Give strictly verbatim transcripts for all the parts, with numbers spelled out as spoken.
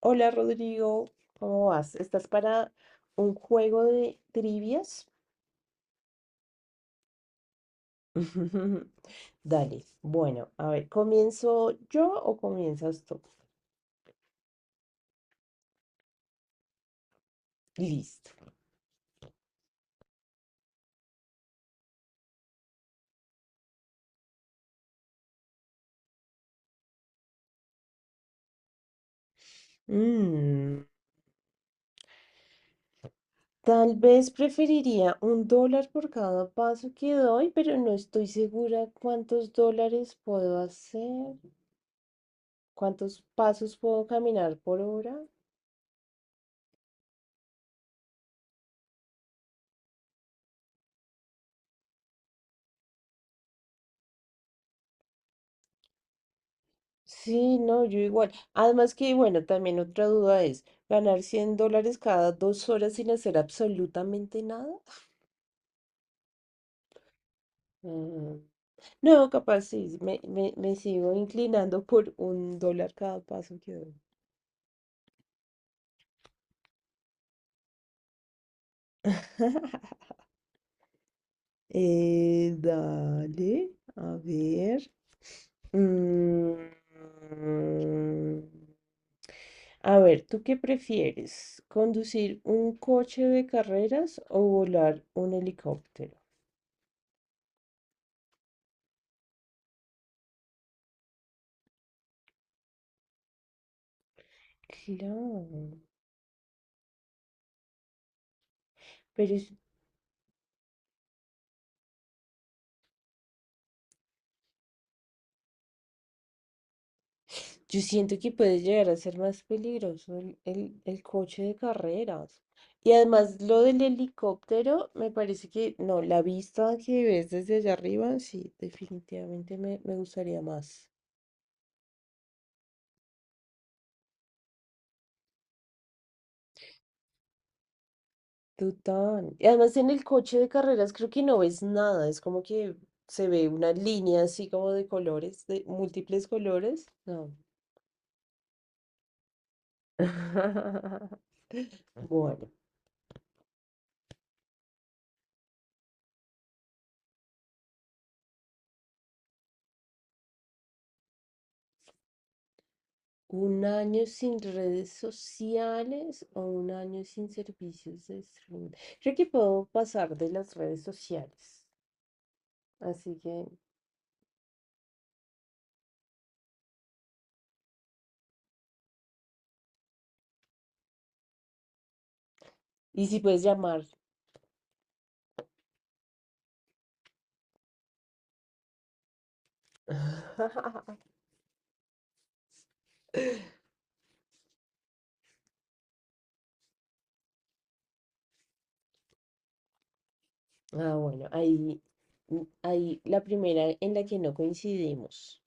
Hola Rodrigo, ¿cómo vas? ¿Estás para un juego de trivias? Dale, bueno, a ver, ¿comienzo yo o comienzas tú? Listo. Mm, Tal vez preferiría un dólar por cada paso que doy, pero no estoy segura cuántos dólares puedo hacer, cuántos pasos puedo caminar por hora. Sí, no, yo igual. Además que, bueno, también otra duda es, ¿ganar cien dólares cada dos horas sin hacer absolutamente nada? Mm, No, capaz sí, me, me, me sigo inclinando por un dólar cada paso que doy. Eh, dale, a ver. Mm, A ver, ¿tú qué prefieres? ¿Conducir un coche de carreras o volar un helicóptero? Claro, pero es- yo siento que puede llegar a ser más peligroso el, el- el coche de carreras. Y además lo del helicóptero, me parece que no, la vista que ves desde allá arriba, sí, definitivamente me, me gustaría más. Total. Y además en el coche de carreras creo que no ves nada, es como que se ve una línea así como de colores, de múltiples colores. No. Bueno. ¿Un año sin redes sociales o un año sin servicios de streaming? Creo que puedo pasar de las redes sociales. Así que... Y si puedes llamar. Ah, bueno, ahí, ahí la primera en la que no coincidimos.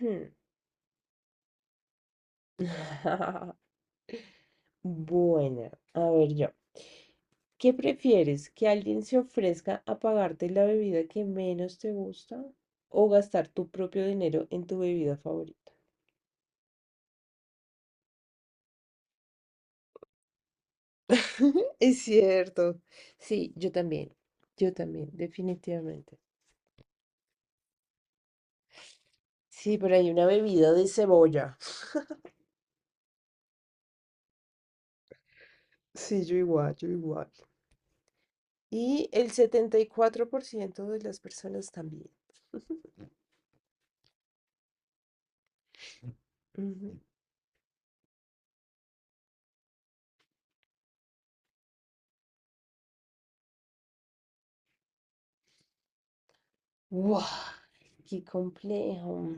Bueno, a ver yo. ¿Qué prefieres? ¿Que alguien se ofrezca a pagarte la bebida que menos te gusta o gastar tu propio dinero en tu bebida favorita? Es cierto. Sí, yo también. Yo también, definitivamente. Sí, pero hay una bebida de cebolla. Sí, yo igual, yo igual. Y el setenta y cuatro por ciento de las personas también. Ujú. ¡Guau! ¡Qué complejo!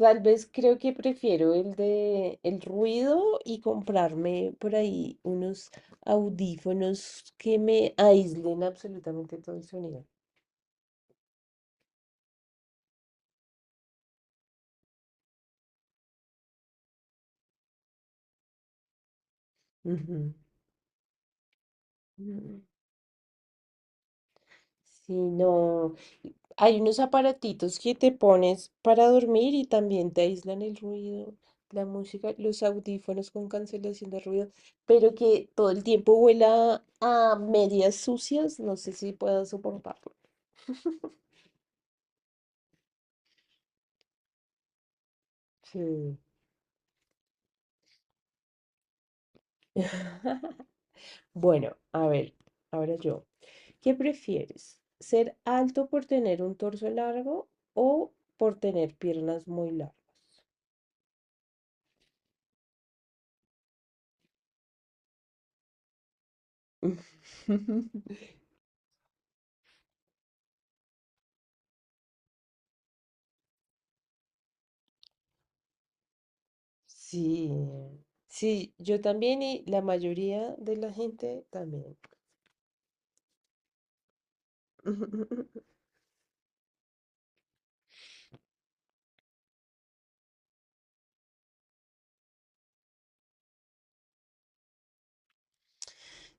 Tal vez creo que prefiero el de el ruido y comprarme por ahí unos audífonos que me aíslen absolutamente todo el sonido. Ujú. Mm. Sí, no. Y hay unos aparatitos que te pones para dormir y también te aíslan el ruido, la música, los audífonos con cancelación de ruido, pero que todo el tiempo huela a medias sucias. No sé si puedo soportarlo. Sí. Bueno, a ver, ahora yo. ¿Qué prefieres? ¿Ser alto por tener un torso largo o por tener piernas muy largas? Sí, sí, yo también y la mayoría de la gente también.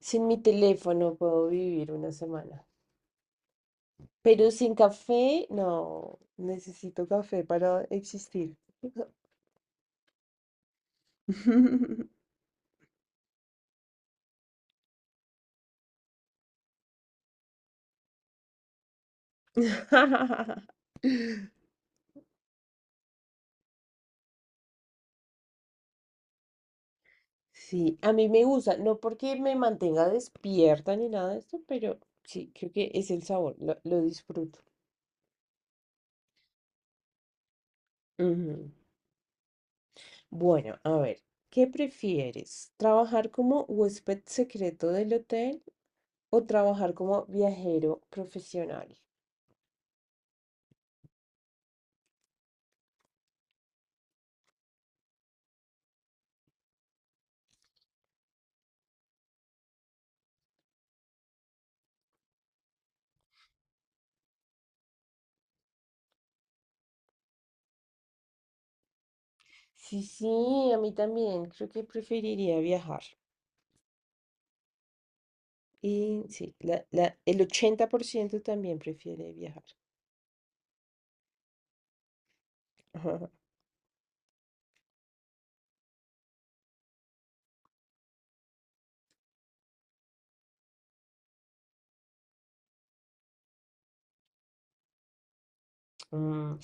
Sin mi teléfono puedo vivir una semana, pero sin café, no, necesito café para existir. Sí, a mí me gusta, no porque me mantenga despierta ni nada de esto, pero sí, creo que es el sabor, lo, lo disfruto. Ujú. Bueno, a ver, ¿qué prefieres? ¿Trabajar como huésped secreto del hotel o trabajar como viajero profesional? Sí, sí, a mí también. Creo que preferiría viajar. Y sí, la, la- el ochenta por ciento también prefiere viajar. Ajá. Mm,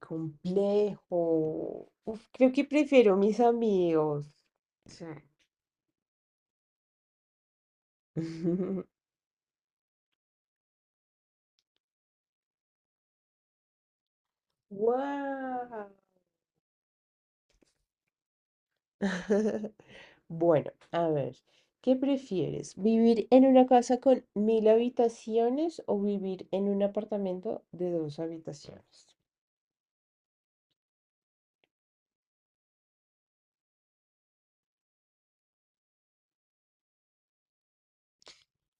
Complejo. Uf, creo que prefiero mis amigos. Sí. ¡Wow! Bueno, a ver, ¿qué prefieres? ¿Vivir en una casa con mil habitaciones o vivir en un apartamento de dos habitaciones?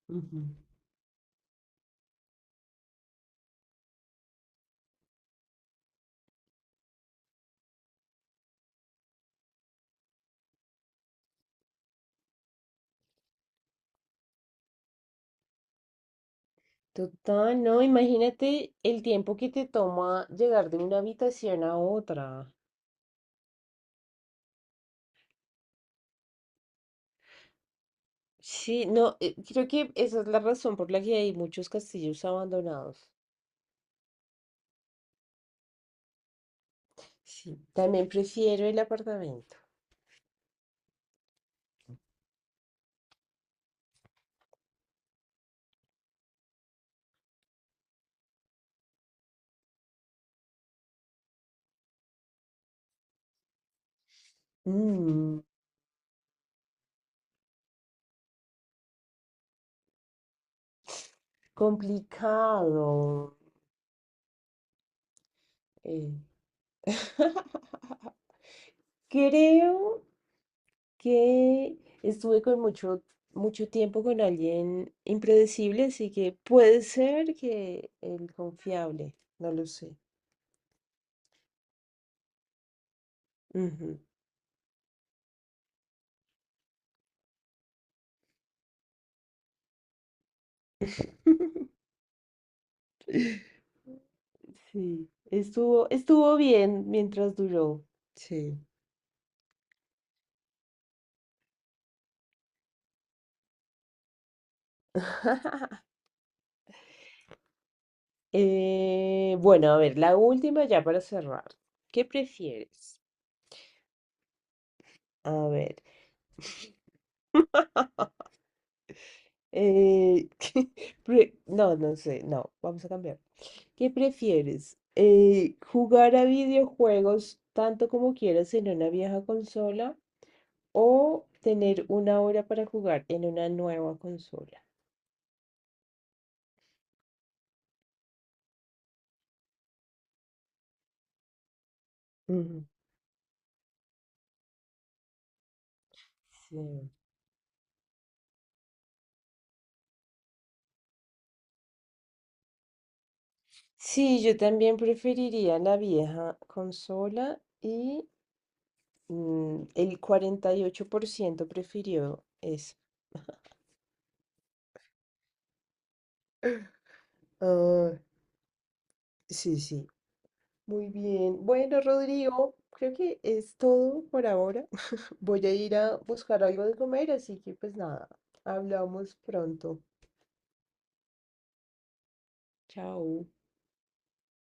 Ujú. Total, no, imagínate el tiempo que te toma llegar de una habitación a otra. Sí, no, eh, creo que esa es la razón por la que hay muchos castillos abandonados. Sí, también prefiero el apartamento. Mm, Complicado. eh. Creo que estuve con mucho, mucho tiempo con alguien impredecible, así que puede ser que el confiable, no lo sé. Ujú. Sí, estuvo, estuvo bien mientras duró. Sí. Eh, bueno, a ver, la última ya para cerrar. ¿Qué prefieres? A ver. Eh, pre- no, no sé, no, vamos a cambiar. ¿Qué prefieres? Eh, ¿jugar a videojuegos tanto como quieras en una vieja consola o tener una hora para jugar en una nueva consola? Ujú. Sí. Sí, yo también preferiría la vieja consola y mm, el cuarenta y ocho por ciento prefirió eso. Ah, sí, sí. Muy bien. Bueno, Rodrigo, creo que es todo por ahora. Voy a ir a buscar algo de comer, así que pues nada, hablamos pronto. Chao.